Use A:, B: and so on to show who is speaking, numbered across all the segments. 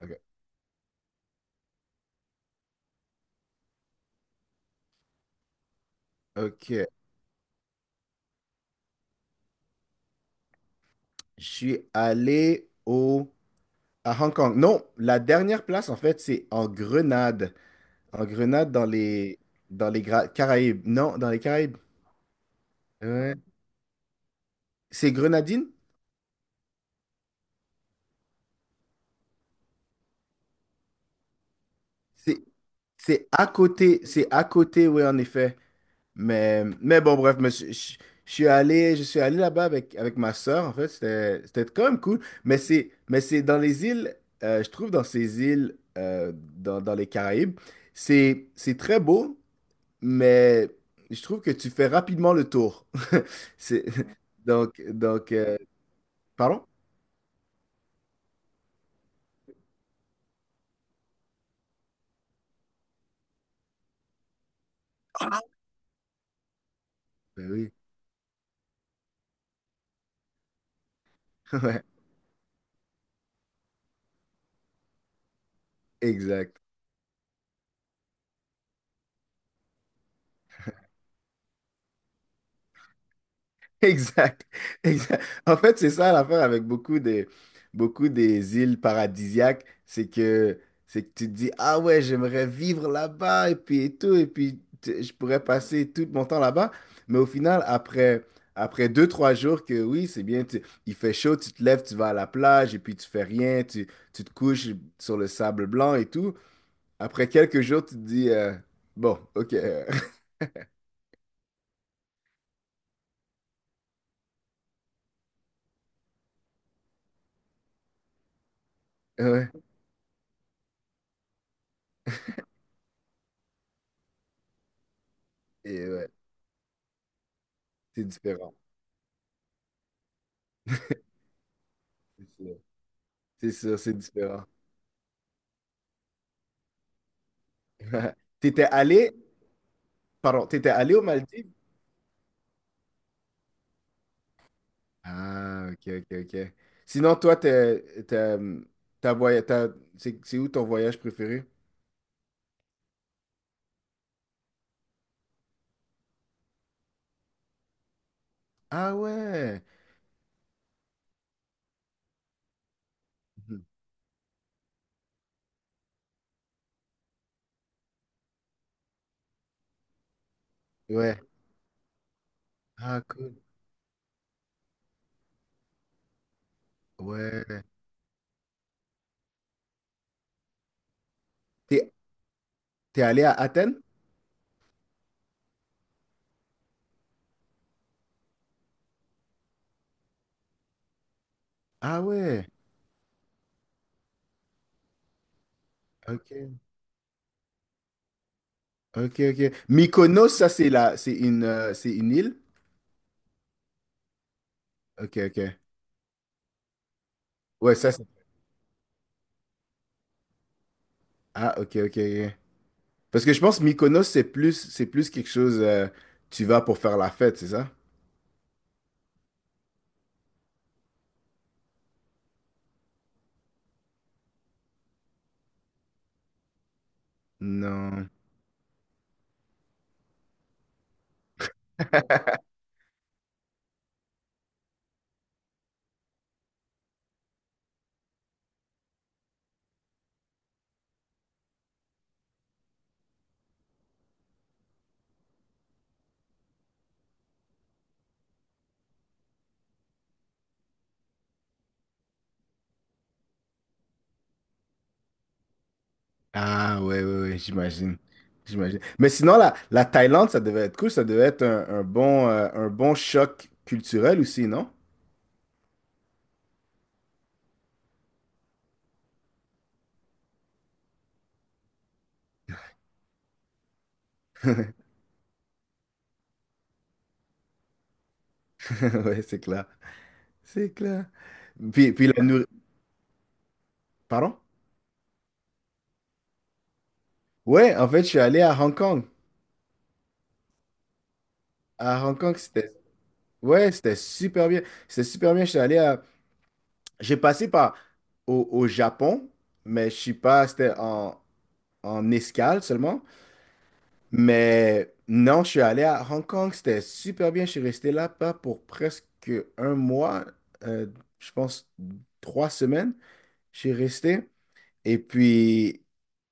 A: Ok. Ok. Je suis allé au, À Hong Kong. Non, la dernière place, en fait, c'est en Grenade. En Grenade, dans les Caraïbes. Non, dans les Caraïbes. Ouais. C'est Grenadine? C'est c'est à côté. C'est à côté, oui, en effet. Mais bon, bref, suis allé, je suis allé là-bas avec ma sœur, en fait, c'était quand même cool. Mais c'est dans les îles, je trouve dans ces îles, dans les Caraïbes, c'est très beau, mais je trouve que tu fais rapidement le tour. C'est donc pardon? Ben oui, ouais, exact. Exact, exact. En fait, c'est ça l'affaire avec beaucoup des îles paradisiaques, c'est que tu te dis, ah ouais, j'aimerais vivre là-bas et puis je pourrais passer tout mon temps là-bas. Mais au final, après deux, trois jours que oui, c'est bien, il fait chaud, tu te lèves, tu vas à la plage et puis tu fais rien, tu te couches sur le sable blanc et tout. Après quelques jours, tu te dis, bon, ok. ouais, et ouais, c'est différent. C'est sûr, c'est sûr, c'est différent. T'étais allé, pardon, t'étais allé aux Maldives? Ah, ok, ok, ok. Sinon, toi, t'es, t'es, t'as voy- t'as- c'est où ton voyage préféré? Ah ouais. Mhm. Ouais. Ah, cool. Ouais. T'es, t'es allé à Athènes? Ah ouais. Ok. Ok, ok. Mykonos, ça, c'est la, c'est une île? Ok, ok. Ouais, ça, c'est... Ah, ok, ok, ok. Parce que je pense Mykonos, c'est plus quelque chose, tu vas pour faire la fête, c'est ça? Non. Ah ouais, ouais, ouais, j'imagine. J'imagine. Mais sinon, la Thaïlande, ça devait être cool, ça devait être un bon choc culturel aussi, non? Ouais, c'est clair. C'est clair. Puis la nourriture. Pardon? Ouais, en fait, je suis allé à Hong Kong. À Hong Kong, c'était. Ouais, c'était super bien. C'était super bien. Je suis allé à. J'ai passé par au Japon, mais je suis pas. C'était en escale seulement. Mais non, je suis allé à Hong Kong, c'était super bien. Je suis resté là-bas pour presque un mois, euh, je pense trois semaines. Je suis resté. Et puis,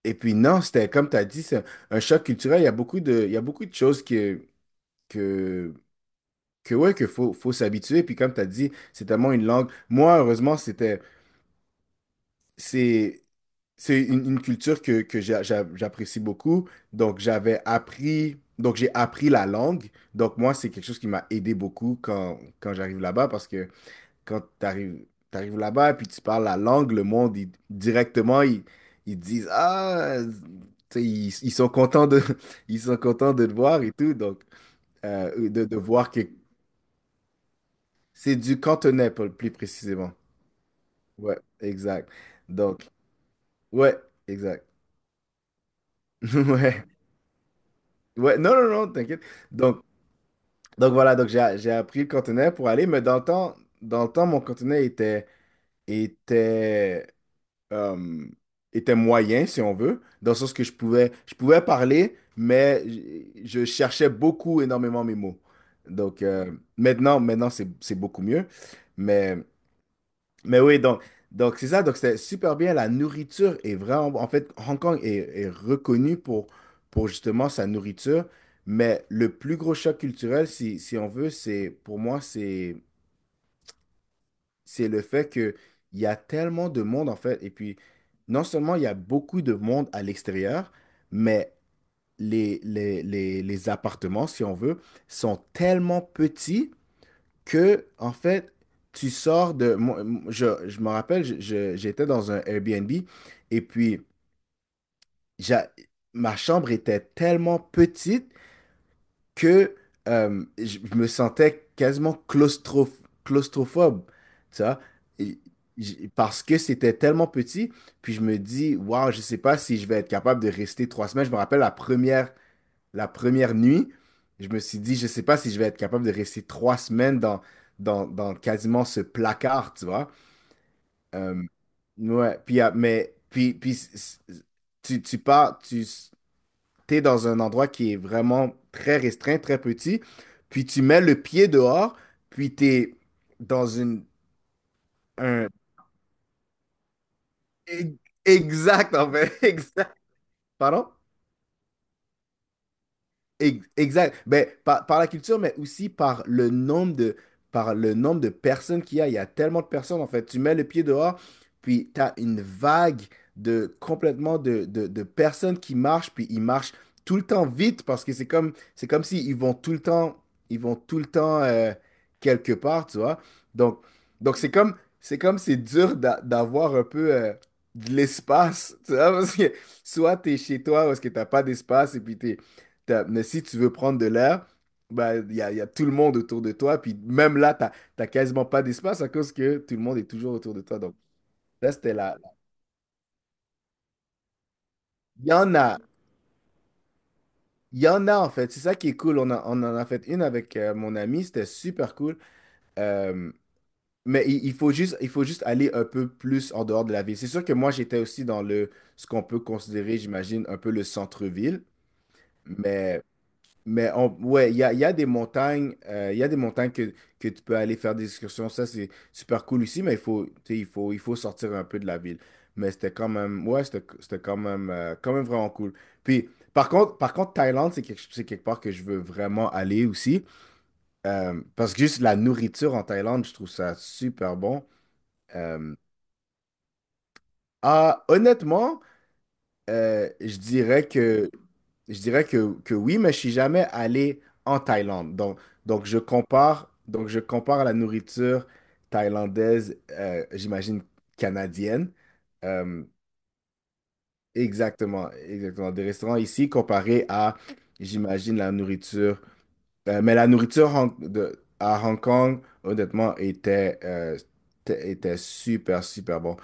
A: et puis non, c'était comme tu as dit, c'est un choc culturel. Il y a beaucoup de choses que, que ouais, que faut s'habituer. Puis comme tu as dit, c'est tellement une langue. Moi, heureusement, c'était. c'est c'est une culture que j'apprécie beaucoup. Donc, j'avais appris, donc j'ai appris la langue. Donc, moi, c'est quelque chose qui m'a aidé beaucoup quand j'arrive là-bas parce que quand tu arrives là-bas et puis tu parles la langue, le monde, directement, ils disent, ah, tu sais, ils sont contents de, ils sont contents de te voir et tout. Donc, de voir que c'est du cantonais, plus précisément. Ouais, exact. Donc, ouais, exact. Ouais. Ouais, non, non, non, t'inquiète. Donc, donc voilà, donc j'ai appris le cantonais pour aller, mais dans le temps, mon cantonais était, euh, était moyen, si on veut, dans le sens que je pouvais parler, mais je cherchais beaucoup, énormément mes mots. Donc euh, maintenant, c'est beaucoup mieux. Mais oui, donc c'était super bien. La nourriture est vraiment. Bon. En fait, Hong Kong est reconnu pour justement sa nourriture, mais le plus gros choc culturel, si on veut, c'est pour moi, c'est le fait que il y a tellement de monde, en fait. Et puis, non seulement il y a beaucoup de monde à l'extérieur, mais les appartements, si on veut, sont tellement petits que, en fait, tu sors de... moi, je me rappelle, j'étais dans un Airbnb et puis j'a- ma chambre était tellement petite que je me sentais quasiment claustrophobe, tu vois, et parce que c'était tellement petit. Puis je me dis, waouh, je sais pas si je vais être capable de rester trois semaines. Je me rappelle la première nuit, je me suis dit, je sais pas si je vais être capable de rester trois semaines dans quasiment ce placard, tu vois. Euh, ouais, puis, ah, puis tu, tu pars, tu es dans un endroit qui est vraiment très restreint, très petit, puis tu mets le pied dehors, puis tu es dans un... e, Exact, en fait, exact. Pardon? Exact. Ben, par la culture, mais aussi par le nombre de, par le nombre de personnes qu'il y a. Il y a tellement de personnes, en fait. Tu mets le pied dehors, puis tu as une vague de complètement de personnes qui marchent, puis ils marchent tout le temps vite parce que c'est comme si ils vont tout le temps, ils vont tout le temps quelque part, tu vois. Donc, donc c'est comme, c'est comme c'est dur d'avoir un peu de l'espace, tu vois, parce que soit tu es chez toi, parce que t'as pas d'espace, et puis t'es T'as- Mais si tu veux prendre de l'air, bah, il y a tout le monde autour de toi. Puis même là, tu n'as quasiment pas d'espace à cause que tout le monde est toujours autour de toi. Donc, là, c'était là. Il y en a. Il y en a, en fait. C'est ça qui est cool. On, a- on en a fait une avec mon ami. C'était super cool. Euh, mais il faut juste aller un peu plus en dehors de la ville. C'est sûr que moi, j'étais aussi dans le, ce qu'on peut considérer, j'imagine, un peu le centre-ville. Mais Mais on, ouais, il y a des montagnes, il y a des montagnes que tu peux aller faire des excursions. Ça, c'est super cool aussi, mais tu sais, il faut sortir un peu de la ville. Mais c'était quand même, ouais, c'était quand même vraiment cool. Puis, par contre, Thaïlande, c'est quelque part que je veux vraiment aller aussi. Parce que juste la nourriture en Thaïlande, je trouve ça super bon. Euh, ah, honnêtement, euh, je dirais que oui, mais je suis jamais allé en Thaïlande. Donc je compare, donc je compare la nourriture thaïlandaise, j'imagine canadienne. Euh, exactement, exactement. Des restaurants ici comparés à, j'imagine, la nourriture. Mais la nourriture à Hong Kong, honnêtement, était super, super bon.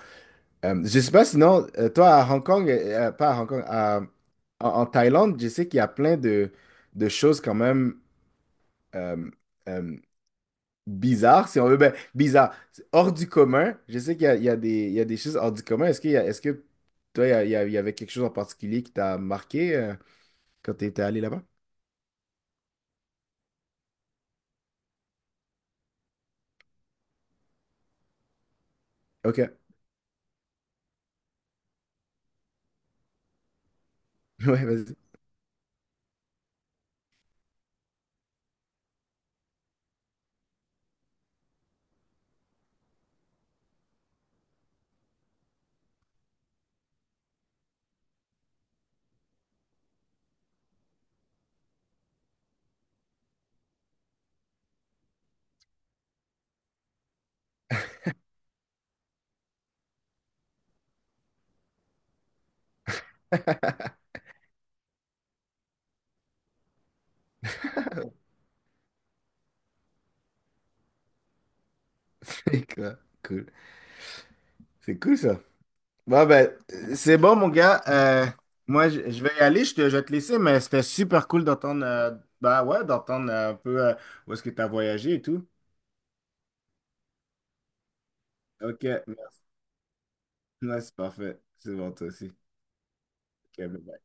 A: Je sais pas, sinon, toi à Hong Kong, pas à Hong Kong, à- en Thaïlande, je sais qu'il y a plein de choses quand même euh, euh, bizarres, si on veut, ben, bizarres, hors du commun. Je sais il y a il y a des choses hors du commun. Est-ce que toi, il y avait quelque chose en particulier qui t'a marqué quand tu étais allé là-bas? Ok, ouais, vas-y. C'est quoi? Cool. C'est cool ça. Bon, ben, c'est bon, mon gars. Moi, je vais y aller. Je vais te laisser, mais c'était super cool d'entendre bah ouais, d'entendre un peu où est-ce que tu as voyagé et tout. OK. Ouais, c'est parfait. C'est bon, toi aussi. OK, bye